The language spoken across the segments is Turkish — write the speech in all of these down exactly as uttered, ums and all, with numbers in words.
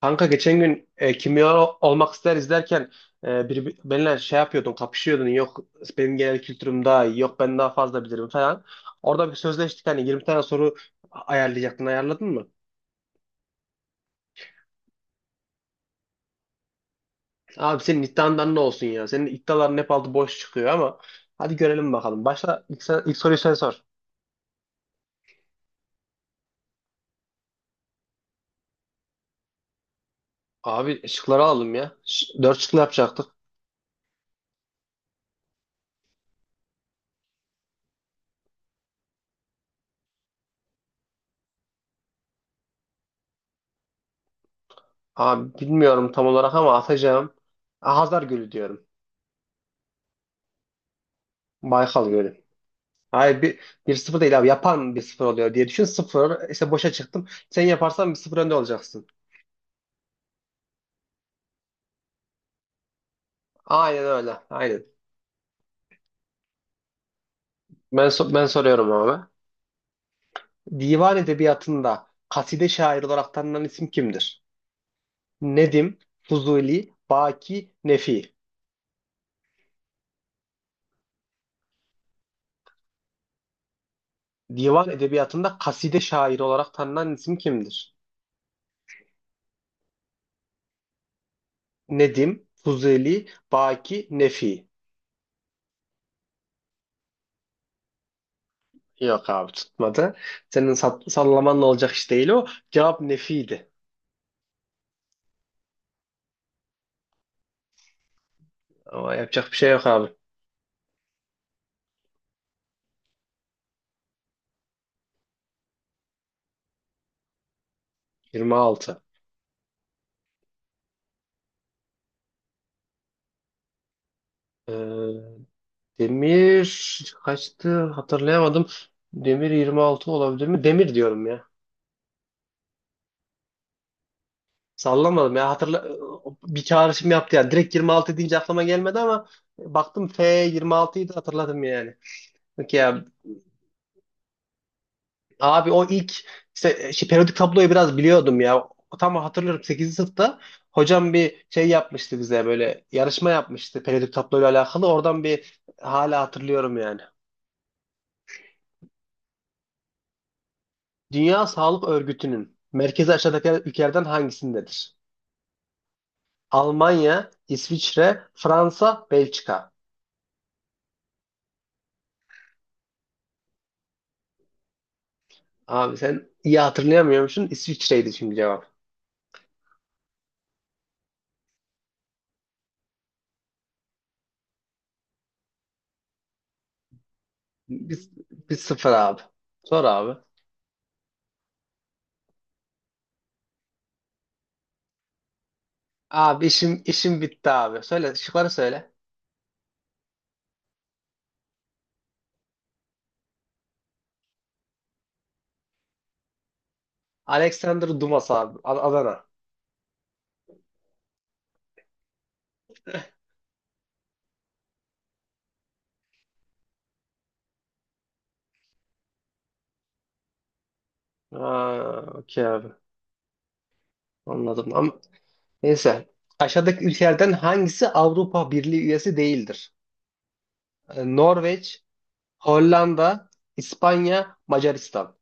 Kanka geçen gün e, kimya olmak ister izlerken e, bir, benimle şey yapıyordun, kapışıyordun. Yok benim genel kültürüm daha iyi, yok ben daha fazla bilirim falan. Orada bir sözleştik hani yirmi tane soru ayarlayacaktın, ayarladın mı? Abi senin iddiandan ne olsun ya? Senin iddiaların hep altı boş çıkıyor ama hadi görelim bakalım. Başla ilk, sen, ilk soruyu sen sor. Abi şıkları alalım ya. Ş- Dört şıklı yapacaktık. Abi bilmiyorum tam olarak ama atacağım. Hazar Gölü diyorum. Baykal Gölü. Hayır bir, bir sıfır değil abi. Yapan bir sıfır oluyor diye düşün. Sıfır işte boşa çıktım. Sen yaparsan bir sıfır önde olacaksın. Aynen öyle. Aynen. Ben, so- ben soruyorum abi. Divan edebiyatında kaside şair olarak tanınan isim kimdir? Nedim, Fuzuli, Baki, Nefi. Divan edebiyatında kaside şairi olarak tanınan isim kimdir? Nedim, Fuzuli, Baki, Nefi. Yok abi tutmadı. Senin sa- sallamanla olacak iş değil o. Cevap Nefi'ydi. Ama yapacak bir şey yok abi. yirmi altı. Ee, Demir kaçtı hatırlayamadım. Demir yirmi altı olabilir mi? Demir diyorum ya. Sallamadım ya, hatırla, bir çağrışım yaptı yani. Direkt yirmi altı deyince aklıma gelmedi ama baktım F yirmi altıyı da hatırladım yani. Peki ya abi o ilk işte, şey, periyodik tabloyu biraz biliyordum ya. Tam hatırlıyorum sekizinci sınıfta hocam bir şey yapmıştı, bize böyle yarışma yapmıştı periyodik tabloyla alakalı. Oradan bir hala hatırlıyorum yani. Dünya Sağlık Örgütü'nün merkezi aşağıdaki ülkelerden hangisindedir? Almanya, İsviçre, Fransa, Belçika. Abi sen iyi hatırlayamıyormuşsun. İsviçre'ydi çünkü cevap. Biz, biz sıfır abi. Sor abi. Abi işim işim bitti abi. Söyle şıkları söyle. Alexander Dumas abi. A- Adana. Aa, okey abi. Anladım. Ama neyse. Aşağıdaki ülkelerden hangisi Avrupa Birliği üyesi değildir? Ee, Norveç, Hollanda, İspanya, Macaristan.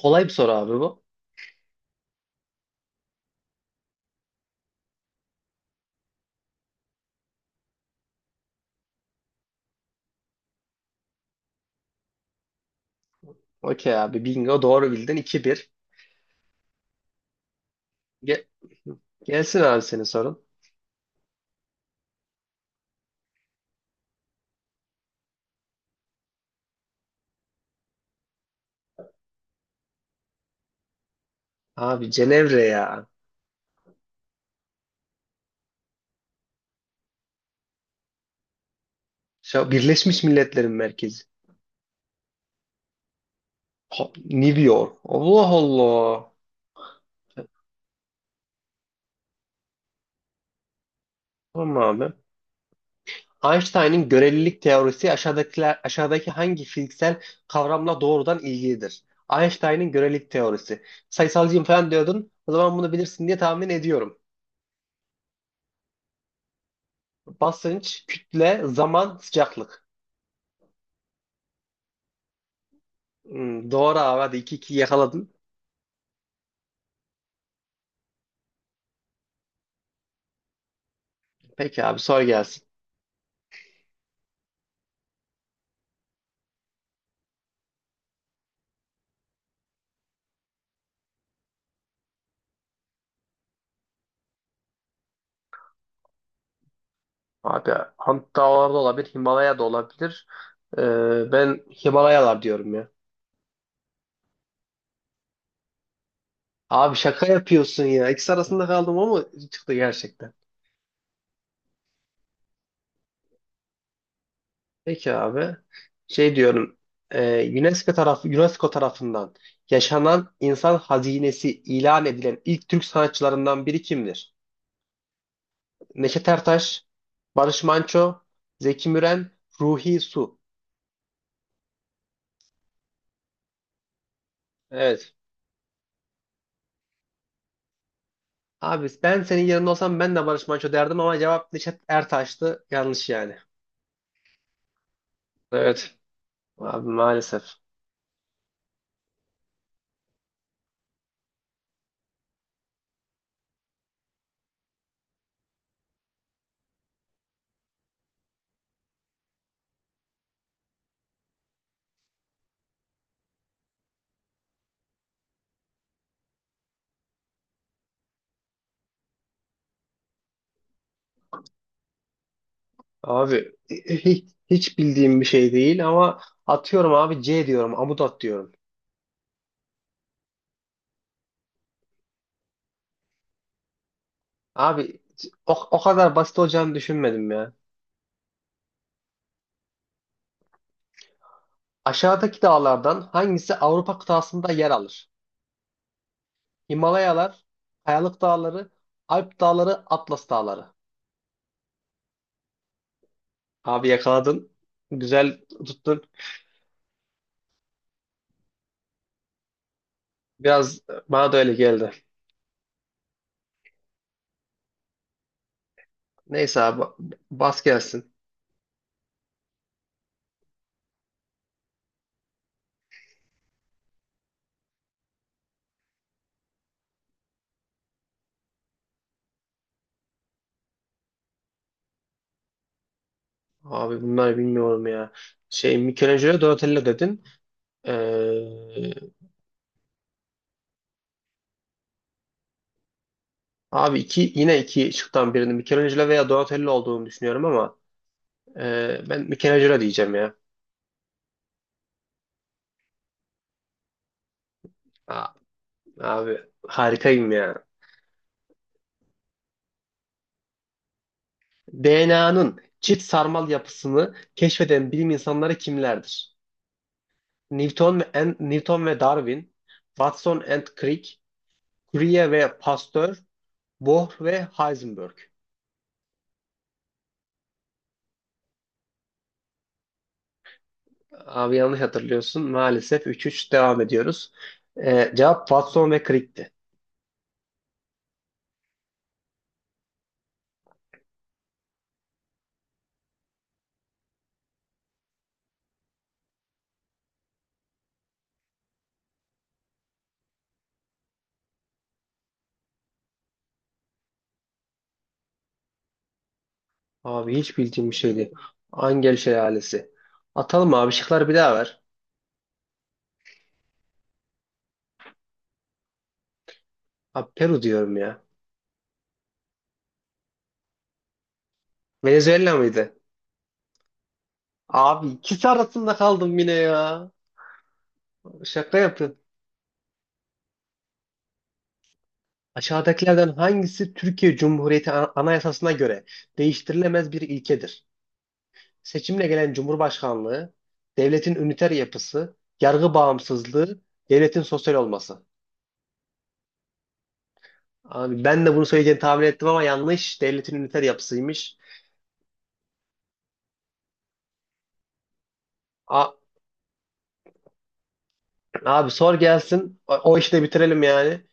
Kolay bir soru abi bu. Okey abi, bingo, doğru bildin, iki bir. Ge- Gelsin abi senin sorun. Abi Cenevre ya. Şu Birleşmiş Milletler'in merkezi. Ha, New York. Allah Allah. Tamam abi. Einstein'ın görelilik teorisi aşağıdakiler, aşağıdaki hangi fiziksel kavramla doğrudan ilgilidir? Einstein'ın görelilik teorisi. Sayısalcıyım falan diyordun. O zaman bunu bilirsin diye tahmin ediyorum. Basınç, kütle, zaman, sıcaklık. Hmm, doğru abi, hadi iki iki yakaladın. Peki abi sor gelsin. Abi Ant Dağları da olabilir, Himalaya da olabilir. Ee, ben Himalayalar diyorum ya. Abi şaka yapıyorsun ya. İkisi arasında kaldım ama çıktı gerçekten. Peki abi. Şey diyorum. e, UNESCO taraf UNESCO tarafından yaşanan insan hazinesi ilan edilen ilk Türk sanatçılarından biri kimdir? Neşet Ertaş, Barış Manço, Zeki Müren, Ruhi Su. Evet. Abi ben senin yerinde olsam ben de Barış Manço derdim ama cevap Neşet Ertaş'tı. Yanlış yani. Evet. Abi maalesef. Abi hiç, hiç bildiğim bir şey değil ama atıyorum abi, C diyorum. Amudat diyorum. Abi o, o kadar basit olacağını düşünmedim ya. Aşağıdaki dağlardan hangisi Avrupa kıtasında yer alır? Himalayalar, Kayalık Dağları, Alp Dağları, Atlas Dağları. Abi yakaladın. Güzel tuttun. Biraz bana da öyle geldi. Neyse abi bas gelsin. Abi bunlar bilmiyorum ya. Şey, Michelangelo, Donatello dedin. Ee, abi iki, yine iki şıktan birini Michelangelo veya Donatello olduğunu düşünüyorum ama e, ben Michelangelo diyeceğim ya. Aa, abi harikayım ya. D N A'nın çift sarmal yapısını keşfeden bilim insanları kimlerdir? Newton ve, and, Newton ve Darwin, Watson and Crick, Curie ve Pasteur, Bohr ve Heisenberg. Abi yanlış hatırlıyorsun. Maalesef üç üç devam ediyoruz. Ee, cevap Watson ve Crick'ti. Abi hiç bildiğim bir şeydi. Angel Şelalesi. Atalım abi, şıkları bir daha ver. Abi Peru diyorum ya. Venezuela mıydı? Abi ikisi arasında kaldım yine ya. Şaka yapın. Aşağıdakilerden hangisi Türkiye Cumhuriyeti An- Anayasası'na göre değiştirilemez bir ilkedir? Seçimle gelen Cumhurbaşkanlığı, devletin üniter yapısı, yargı bağımsızlığı, devletin sosyal olması. Abi ben de bunu söyleyeceğini tahmin ettim ama yanlış. Devletin üniter yapısıymış. A- abi sor gelsin. O, o işi de bitirelim yani.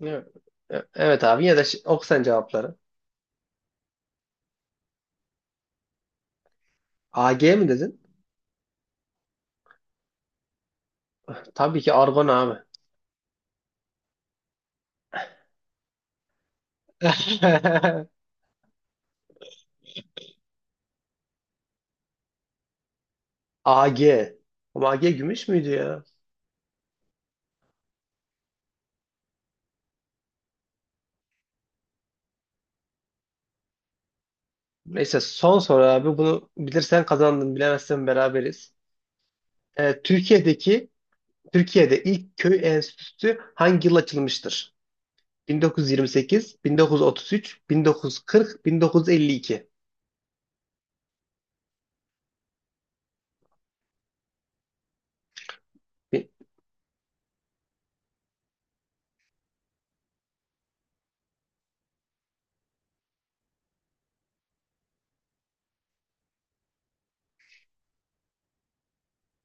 Evet, evet abi, yine de şi- oku sen cevapları. A G mi dedin? Tabii ki argon abi. A G. Ama A G gümüş müydü ya? Neyse son soru abi. Bunu bilirsen kazandın, bilemezsen beraberiz. Ee, Türkiye'deki Türkiye'de ilk köy enstitüsü hangi yıl açılmıştır? bin dokuz yüz yirmi sekiz, bin dokuz yüz otuz üç, bin dokuz yüz kırk, bin dokuz yüz elli iki. Bi-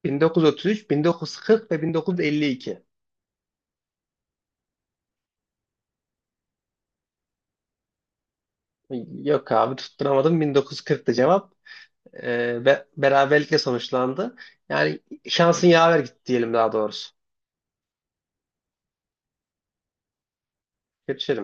bin dokuz yüz otuz üç, bin dokuz yüz kırk ve bin dokuz yüz elli iki. Yok abi tutturamadım. bin dokuz yüz kırktı cevap. Ee, be- beraberlikle sonuçlandı. Yani şansın yaver gitti diyelim, daha doğrusu. Kötü şey.